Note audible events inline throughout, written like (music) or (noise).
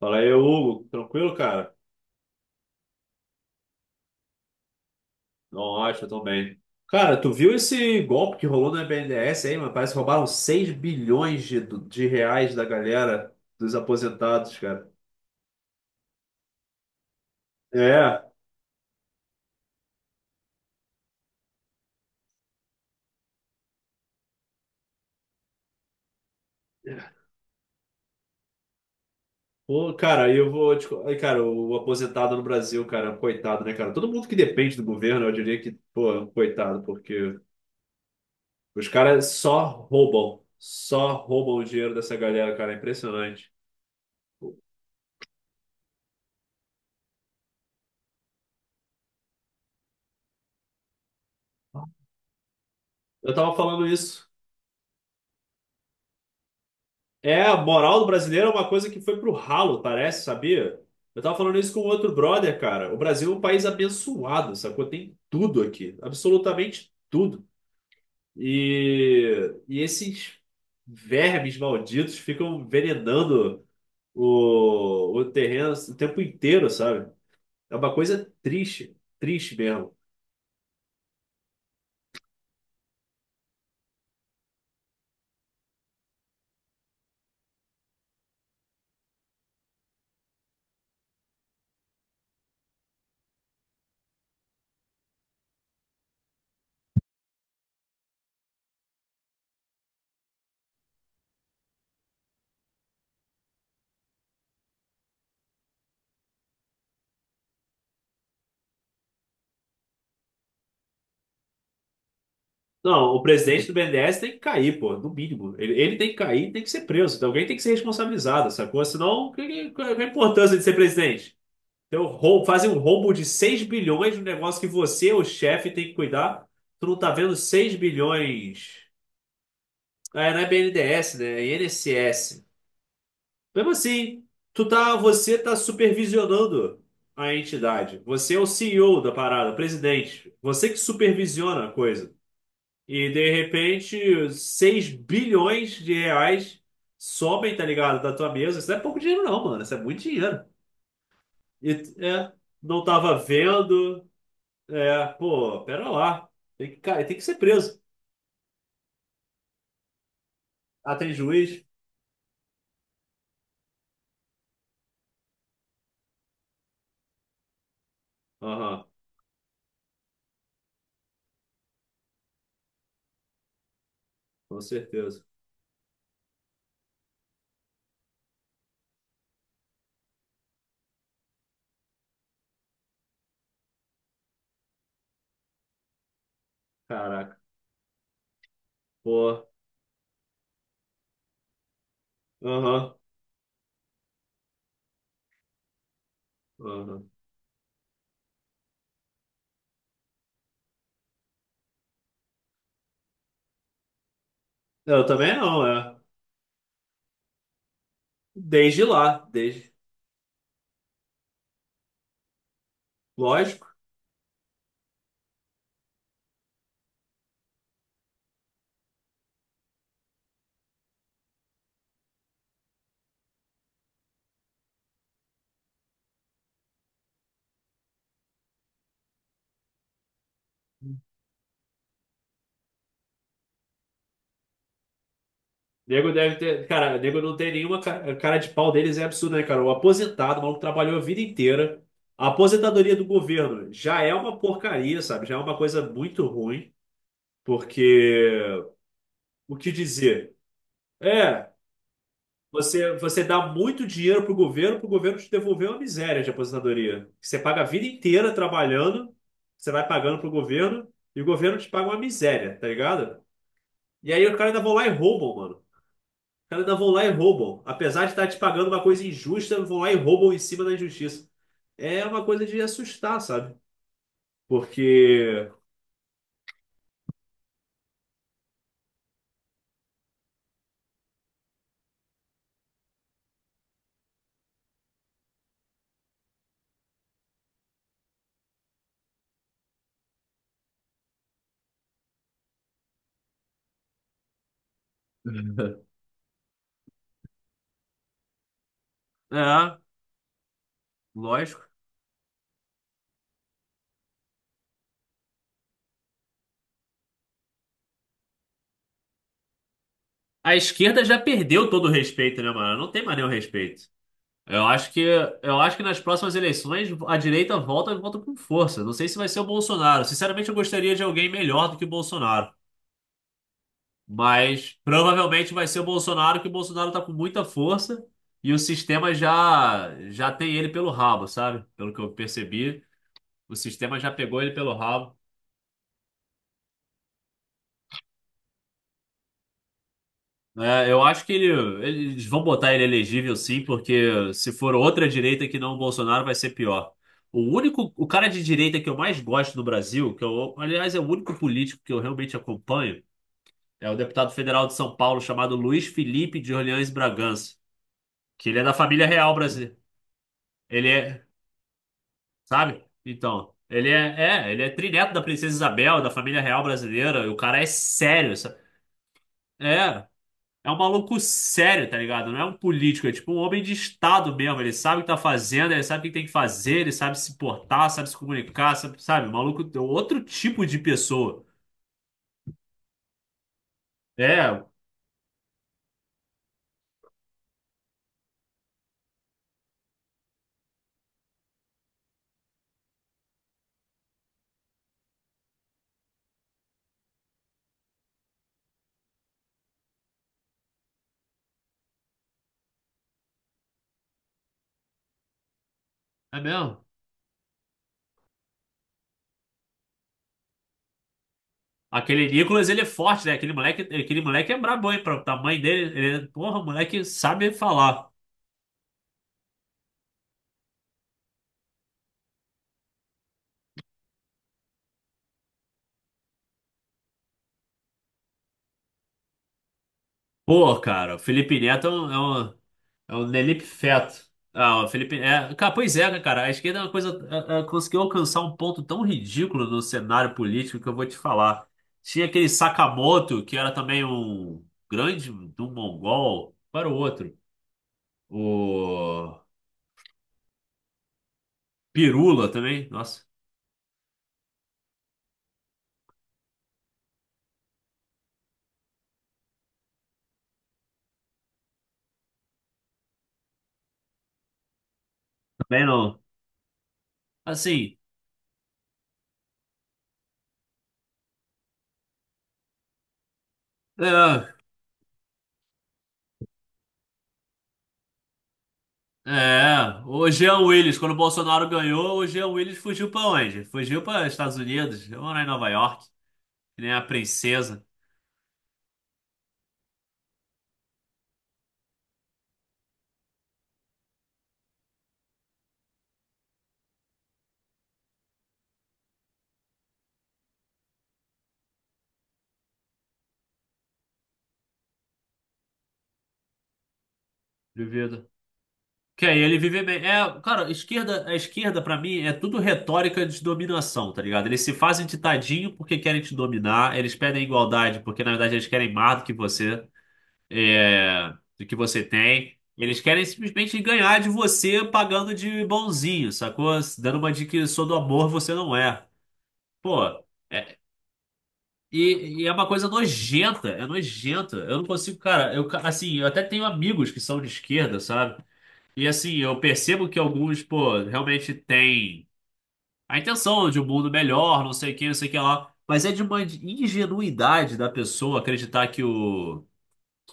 Fala aí, Hugo. Tranquilo, cara? Nossa, eu tô bem. Cara, tu viu esse golpe que rolou no BNDES aí, mano? Parece que roubaram 6 bilhões de reais da galera dos aposentados, cara. É. Pô, cara, eu vou te... Cara, o aposentado no Brasil, cara, coitado, né, cara? Todo mundo que depende do governo, eu diria que, pô, é um coitado, porque os caras só roubam. Só roubam o dinheiro dessa galera, cara. É impressionante. Eu tava falando isso. É, a moral do brasileiro é uma coisa que foi pro ralo, parece, sabia? Eu tava falando isso com outro brother, cara. O Brasil é um país abençoado, sacou? Tem tudo aqui, absolutamente tudo. E, e esses vermes malditos ficam envenenando o terreno o tempo inteiro, sabe? É uma coisa triste, triste mesmo. Não, o presidente do BNDES tem que cair, pô, no mínimo. Ele tem que cair, tem que ser preso. Então, alguém tem que ser responsabilizado, sacou? Senão, qual é a importância de ser presidente? Então, fazem um roubo de seis bilhões de um negócio que você, o chefe, tem que cuidar. Tu não tá vendo 6 bilhões. É, não é BNDES, né? É INSS. Mesmo assim, você tá supervisionando a entidade. Você é o CEO da parada, o presidente. Você que supervisiona a coisa. E de repente, 6 bilhões de reais sobem, tá ligado? Da tua mesa. Isso não é pouco dinheiro, não, mano. Isso é muito dinheiro. E é, não tava vendo. É, pô, pera lá. Tem que ser preso. Ah, tem juiz? Aham, com certeza. Caraca. Pô, aham, aham. Eu também não, é. Desde lá, desde. Lógico. Nego deve ter. Cara, nego não tem nenhuma cara, cara de pau deles, é absurdo, né, cara? O aposentado, o maluco trabalhou a vida inteira. A aposentadoria do governo já é uma porcaria, sabe? Já é uma coisa muito ruim, porque o que dizer? É, você dá muito dinheiro pro governo te devolver uma miséria de aposentadoria. Você paga a vida inteira trabalhando, você vai pagando pro governo, e o governo te paga uma miséria, tá ligado? E aí os caras ainda vão lá e roubam, mano. Cara, ainda vão lá e roubam. Apesar de estar te pagando uma coisa injusta, vão lá e roubam em cima da injustiça. É uma coisa de assustar, sabe? Porque. (laughs) É, lógico. A esquerda já perdeu todo o respeito, né, mano? Não tem mais nenhum respeito. Eu acho que, eu acho que nas próximas eleições a direita volta e volta com força. Não sei se vai ser o Bolsonaro. Sinceramente, eu gostaria de alguém melhor do que o Bolsonaro. Mas provavelmente vai ser o Bolsonaro, que o Bolsonaro tá com muita força e o sistema já tem ele pelo rabo, sabe? Pelo que eu percebi, o sistema já pegou ele pelo rabo. É, eu acho que ele, eles vão botar ele elegível sim, porque se for outra direita que não o Bolsonaro, vai ser pior. O cara de direita que eu mais gosto no Brasil, que eu, aliás, é o único político que eu realmente acompanho, é o deputado federal de São Paulo chamado Luiz Felipe de Orleans Bragança, que ele é da família real brasileira. Ele é. Sabe? Então, ele é trineto da princesa Isabel, da família real brasileira, e o cara é sério, sabe? É, é um maluco sério, tá ligado? Não é um político, é tipo um homem de Estado mesmo, ele sabe o que tá fazendo, ele sabe o que tem que fazer, ele sabe se portar, sabe se comunicar, sabe? O Maluco é outro tipo de pessoa. É, é mesmo. Aquele Nicolas, ele é forte, né? Aquele moleque é brabo, hein? Pra tamanho dele, porra, o moleque sabe falar. Pô, cara, o Felipe Neto é um, é um, é um Nelipfeto. Ah, o Felipe. É, cara, pois é, né, cara. A esquerda é uma coisa. Conseguiu alcançar um ponto tão ridículo no cenário político que eu vou te falar. Tinha aquele Sakamoto, que era também um grande do mongol. Para o outro. O Pirula também. Nossa, também não. Assim. É, o Jean Willis, quando o Bolsonaro ganhou, o Jean Willis fugiu para onde? Fugiu para Estados Unidos, ou em Nova York. Que nem a princesa. De Que aí ele vive bem. É, cara, a esquerda para mim é tudo retórica de dominação, tá ligado? Eles se fazem de tadinho porque querem te dominar, eles pedem igualdade porque na verdade eles querem mais do que você. é, do que você tem. Eles querem simplesmente ganhar de você pagando de bonzinho, sacou? Dando uma de que sou do amor, você não é. Pô, é- e é uma coisa nojenta, é nojenta. Eu não consigo, cara, assim, eu até tenho amigos que são de esquerda, sabe? E assim, eu percebo que alguns, pô, realmente têm a intenção de um mundo melhor, não sei o que, não sei o que lá. Mas é de uma ingenuidade da pessoa acreditar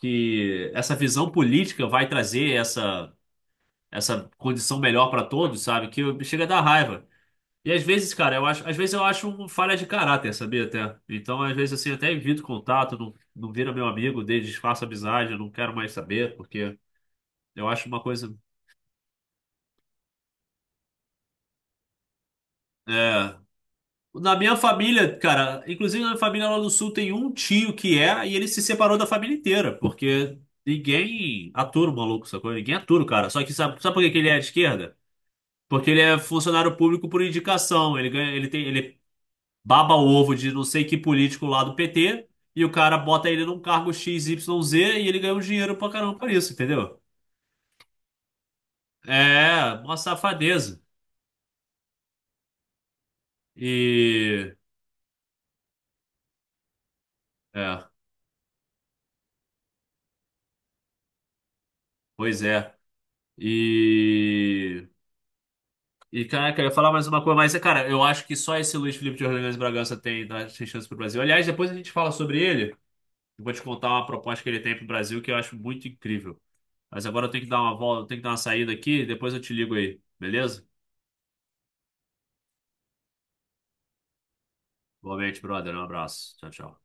que essa visão política vai trazer essa condição melhor para todos, sabe? Que eu- chega a dar raiva. E às vezes, cara, às vezes eu acho uma falha de caráter, sabia até? Então, às vezes, assim, eu até evito contato, não vira meu amigo, desfaço a amizade, eu não quero mais saber, porque eu acho uma coisa. É... Na minha família, cara, inclusive na minha família lá do sul tem um tio que é, e ele se separou da família inteira, porque ninguém atura o maluco, sacou? Ninguém atura o cara. Só que sabe por que que ele é de esquerda? Porque ele é funcionário público por indicação. Ele ganha, ele tem, ele baba o ovo de não sei que político lá do PT e o cara bota ele num cargo X, Y, Z e ele ganha um dinheiro pra caramba por isso, entendeu? É, uma safadeza. E. É, pois é. E. E, caraca, eu ia falar mais uma coisa, mas, cara, eu acho que só esse Luiz Felipe de Orleans Bragança tem, tem chance pro Brasil. Aliás, depois a gente fala sobre ele. Eu vou te contar uma proposta que ele tem pro Brasil que eu acho muito incrível. Mas agora eu tenho que dar uma volta, eu tenho que dar uma saída aqui, depois eu te ligo aí, beleza? Boa noite, brother. Um abraço. Tchau, tchau.